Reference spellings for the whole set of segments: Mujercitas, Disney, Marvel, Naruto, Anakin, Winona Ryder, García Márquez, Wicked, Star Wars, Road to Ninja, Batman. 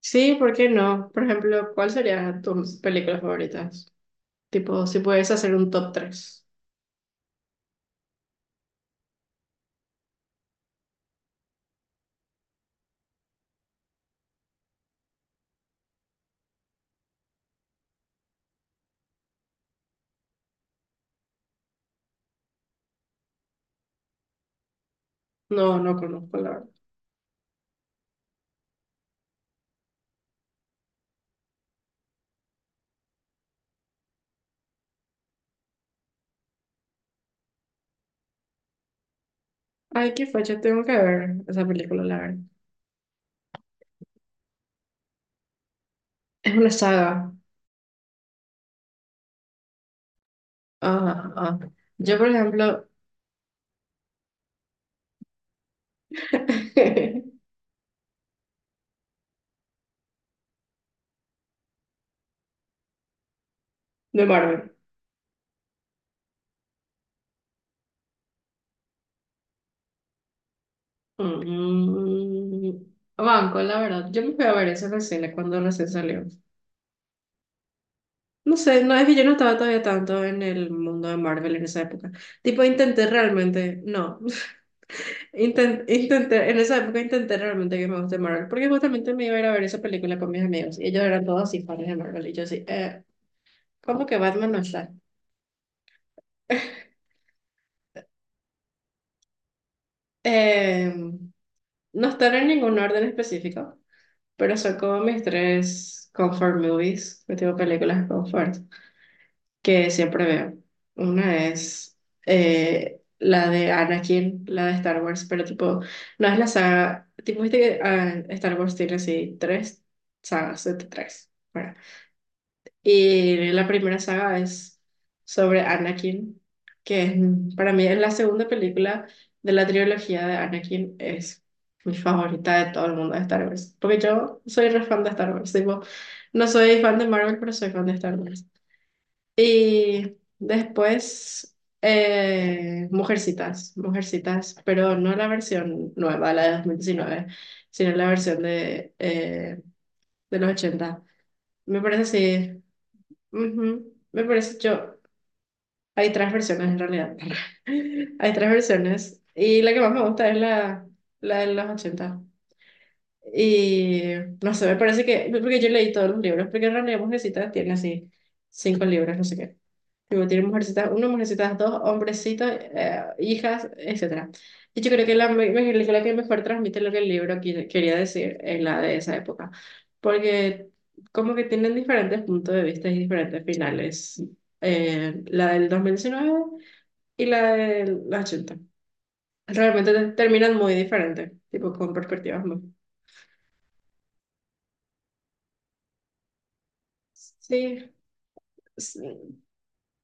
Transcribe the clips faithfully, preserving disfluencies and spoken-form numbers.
Sí, ¿por qué no? Por ejemplo, ¿cuál serían tus películas favoritas? Tipo, si puedes hacer un top tres. No, no conozco, la verdad. Ay, qué facha, tengo que ver esa película, la verdad. Es una saga. Ah, ah. Yo, por ejemplo, de Marvel. Mm, banco, la verdad. Yo me fui a ver esa recién, cuando recién salió. No sé, no es que yo no estaba todavía tanto en el mundo de Marvel en esa época. Tipo, intenté realmente, no. Inten- intenté, en esa época intenté realmente que me guste Marvel, porque justamente me iba a ir a ver esa película con mis amigos y ellos eran todos así fans de Marvel y yo así, eh, ¿cómo que Batman no está? Eh, no están en ningún orden específico, pero son como mis tres comfort movies, que tengo películas comfort, que siempre veo. Una es eh, la de Anakin, la de Star Wars, pero tipo, no es la saga, tipo, viste que ah, Star Wars tiene así tres sagas, set tres. Y la primera saga es sobre Anakin, que es, mm, para mí es la segunda película de la trilogía de Anakin, es mi favorita de todo el mundo de Star Wars, porque yo soy re fan de Star Wars, tipo, no soy fan de Marvel, pero soy fan de Star Wars. Y después, eh, Mujercitas, Mujercitas, pero no la versión nueva, la de dos mil diecinueve, sino la versión de, eh, de los ochenta. Me parece así. Ujú. Me parece yo. Hay tres versiones en realidad. Hay tres versiones. Y la que más me gusta es la, la de los ochenta. Y no sé, me parece que, porque yo leí todos los libros, porque en realidad Mujercita tiene así cinco libros, no sé qué. Luego tiene mujercitas uno, mujercitas dos, hombrecitos, eh, hijas, etcétera. Y yo creo que la me- me- la que mejor transmite lo que el libro qui- quería decir es la de esa época, porque como que tienen diferentes puntos de vista y diferentes finales. Eh, la del dos mil diecinueve y la del ochenta realmente te- terminan muy diferentes, tipo con perspectivas muy... Sí, s-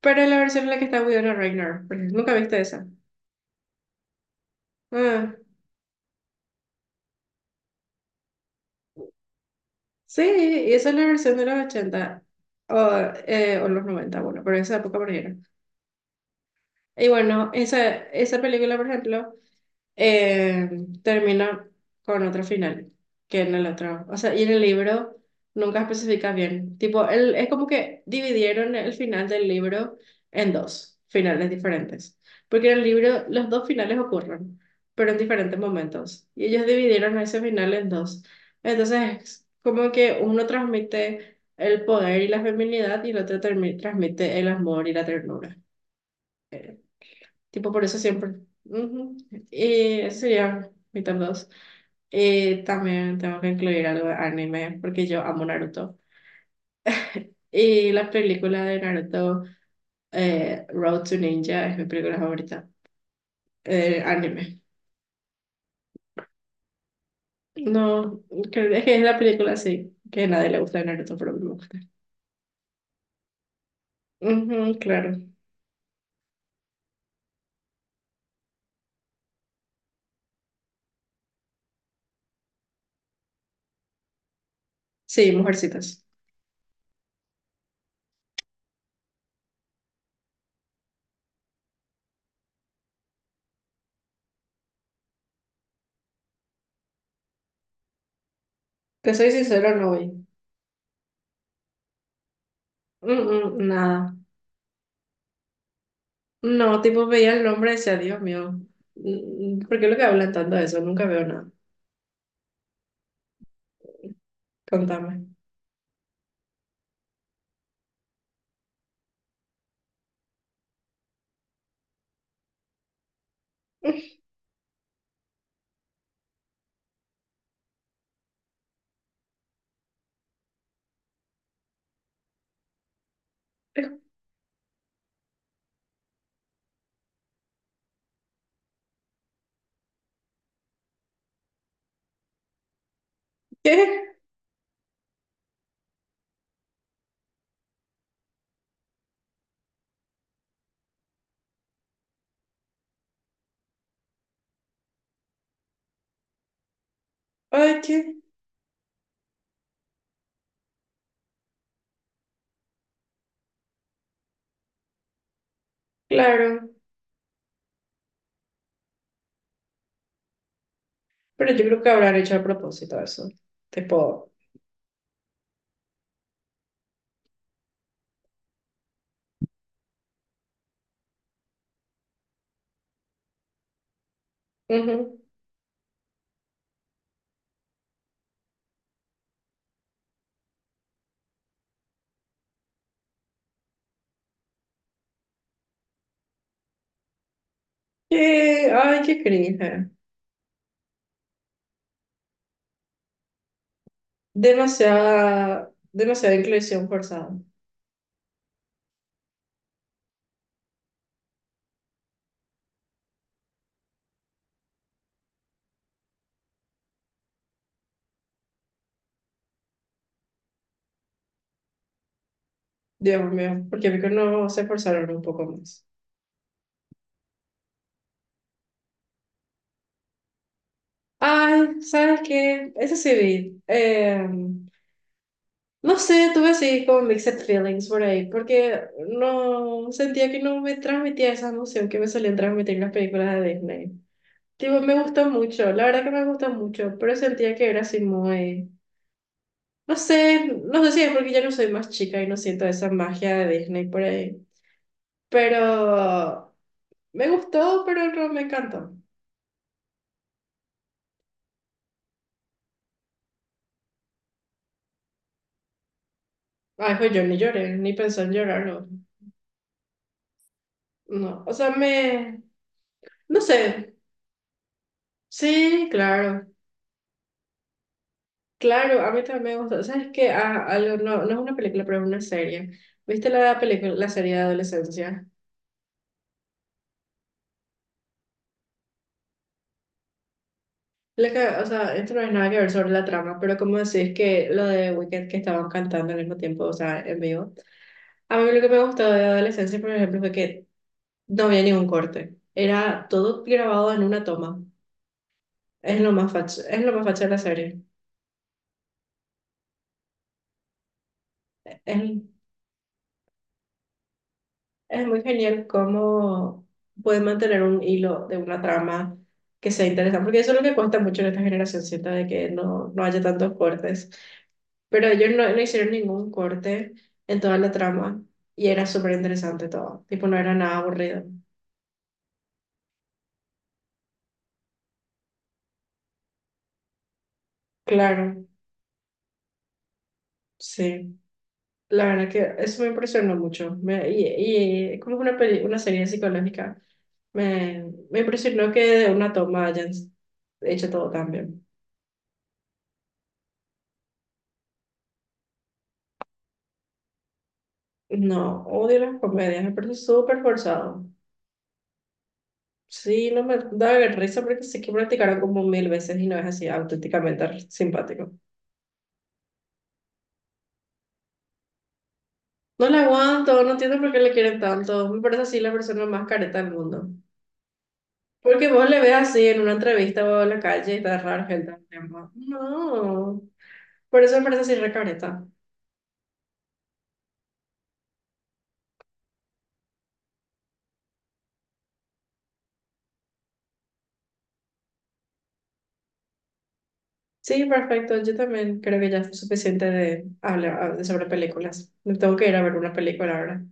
pero la versión en la que está Winona Ryder, porque nunca viste esa. Ah. Sí, y esa es la versión de los ochenta o, eh, o los noventa, bueno, pero esa época primero. Y bueno, esa, esa película, por ejemplo, eh, termina con otro final que en el otro. O sea, y en el libro nunca especifica bien. Tipo, él, es como que dividieron el final del libro en dos finales diferentes. Porque en el libro los dos finales ocurren, pero en diferentes momentos. Y ellos dividieron ese final en dos. Entonces, es como que uno transmite el poder y la feminidad y el otro termi- transmite el amor y la ternura. Tipo, por eso siempre. Ujú. Y ese sería mi top dos. Eh, también tengo que incluir algo de anime porque yo amo Naruto. Y la película de Naruto, eh, Road to Ninja, es mi película favorita. Eh, anime. No, que- es que es la película así, que a nadie le gusta de Naruto, pero a mí me gusta. Ujú, claro. Sí, Mujercitas. Te soy sincero, no vi. Mm, mm, nada. No, tipo veía el nombre y decía, Dios mío, mm, ¿por qué lo que hablan tanto de eso? Nunca veo nada. Contame. ¿Qué? Ay, qué. Claro. Pero yo creo que habrán hecho a propósito eso. Tipo, ujú. Eh, ay, qué cringe. Demasiada, demasiada inclusión forzada. Dios mío, porque mí que no se forzaron un poco más. Ay, ¿sabes qué? Eso sí vi. Eh, no sé, tuve así como mixed feelings por ahí, porque no sentía que no me transmitía esa emoción que me solían transmitir las películas de Disney. Tipo, me gustó mucho, la verdad que me gustó mucho, pero sentía que era así muy... No sé, no sé si es porque ya no soy más chica y no siento esa magia de Disney por ahí. Pero me gustó, pero no me encantó. Ay, jo, yo ni lloré, ni pensé en llorar. No, no, o sea, me... No sé. Sí, claro. Claro, a mí también me gustó. ¿Sabes qué? Ah, algo, no, no es una película, pero es una serie. ¿Viste la película, la serie de adolescencia? La que, o sea, esto no es nada que ver sobre la trama, pero como decís que lo de Wicked que estaban cantando al mismo tiempo, o sea, en vivo. A mí lo que me gustó de adolescencia, por ejemplo, fue que no había ningún corte. Era todo grabado en una toma. Es lo más facho, es lo más facho de la serie. Es, es muy genial cómo pueden mantener un hilo de una trama que sea interesante, porque eso es lo que cuesta mucho en esta generación, siento de que no, no haya tantos cortes. Pero ellos no, no hicieron ningún corte en toda la trama y era súper interesante todo. Tipo, no era nada aburrido. Claro, sí. La verdad que eso me impresionó mucho. Me, y, y como es una, peli- una serie psicológica, me, me impresionó que de una toma hayan hecho todo tan bien. No, odio las comedias, me parece súper forzado. Sí, no me da risa porque sé que practicaron como mil veces y no es así auténticamente simpático. No la aguanto, no entiendo por qué le quieren tanto. Me parece así la persona más careta del mundo. Porque vos le ves así en una entrevista o en la calle y te da raro gente. No. Por eso me parece así re careta. Sí, perfecto. Yo también creo que ya es suficiente de hablar ah, de sobre películas. Me tengo que ir a ver una película ahora.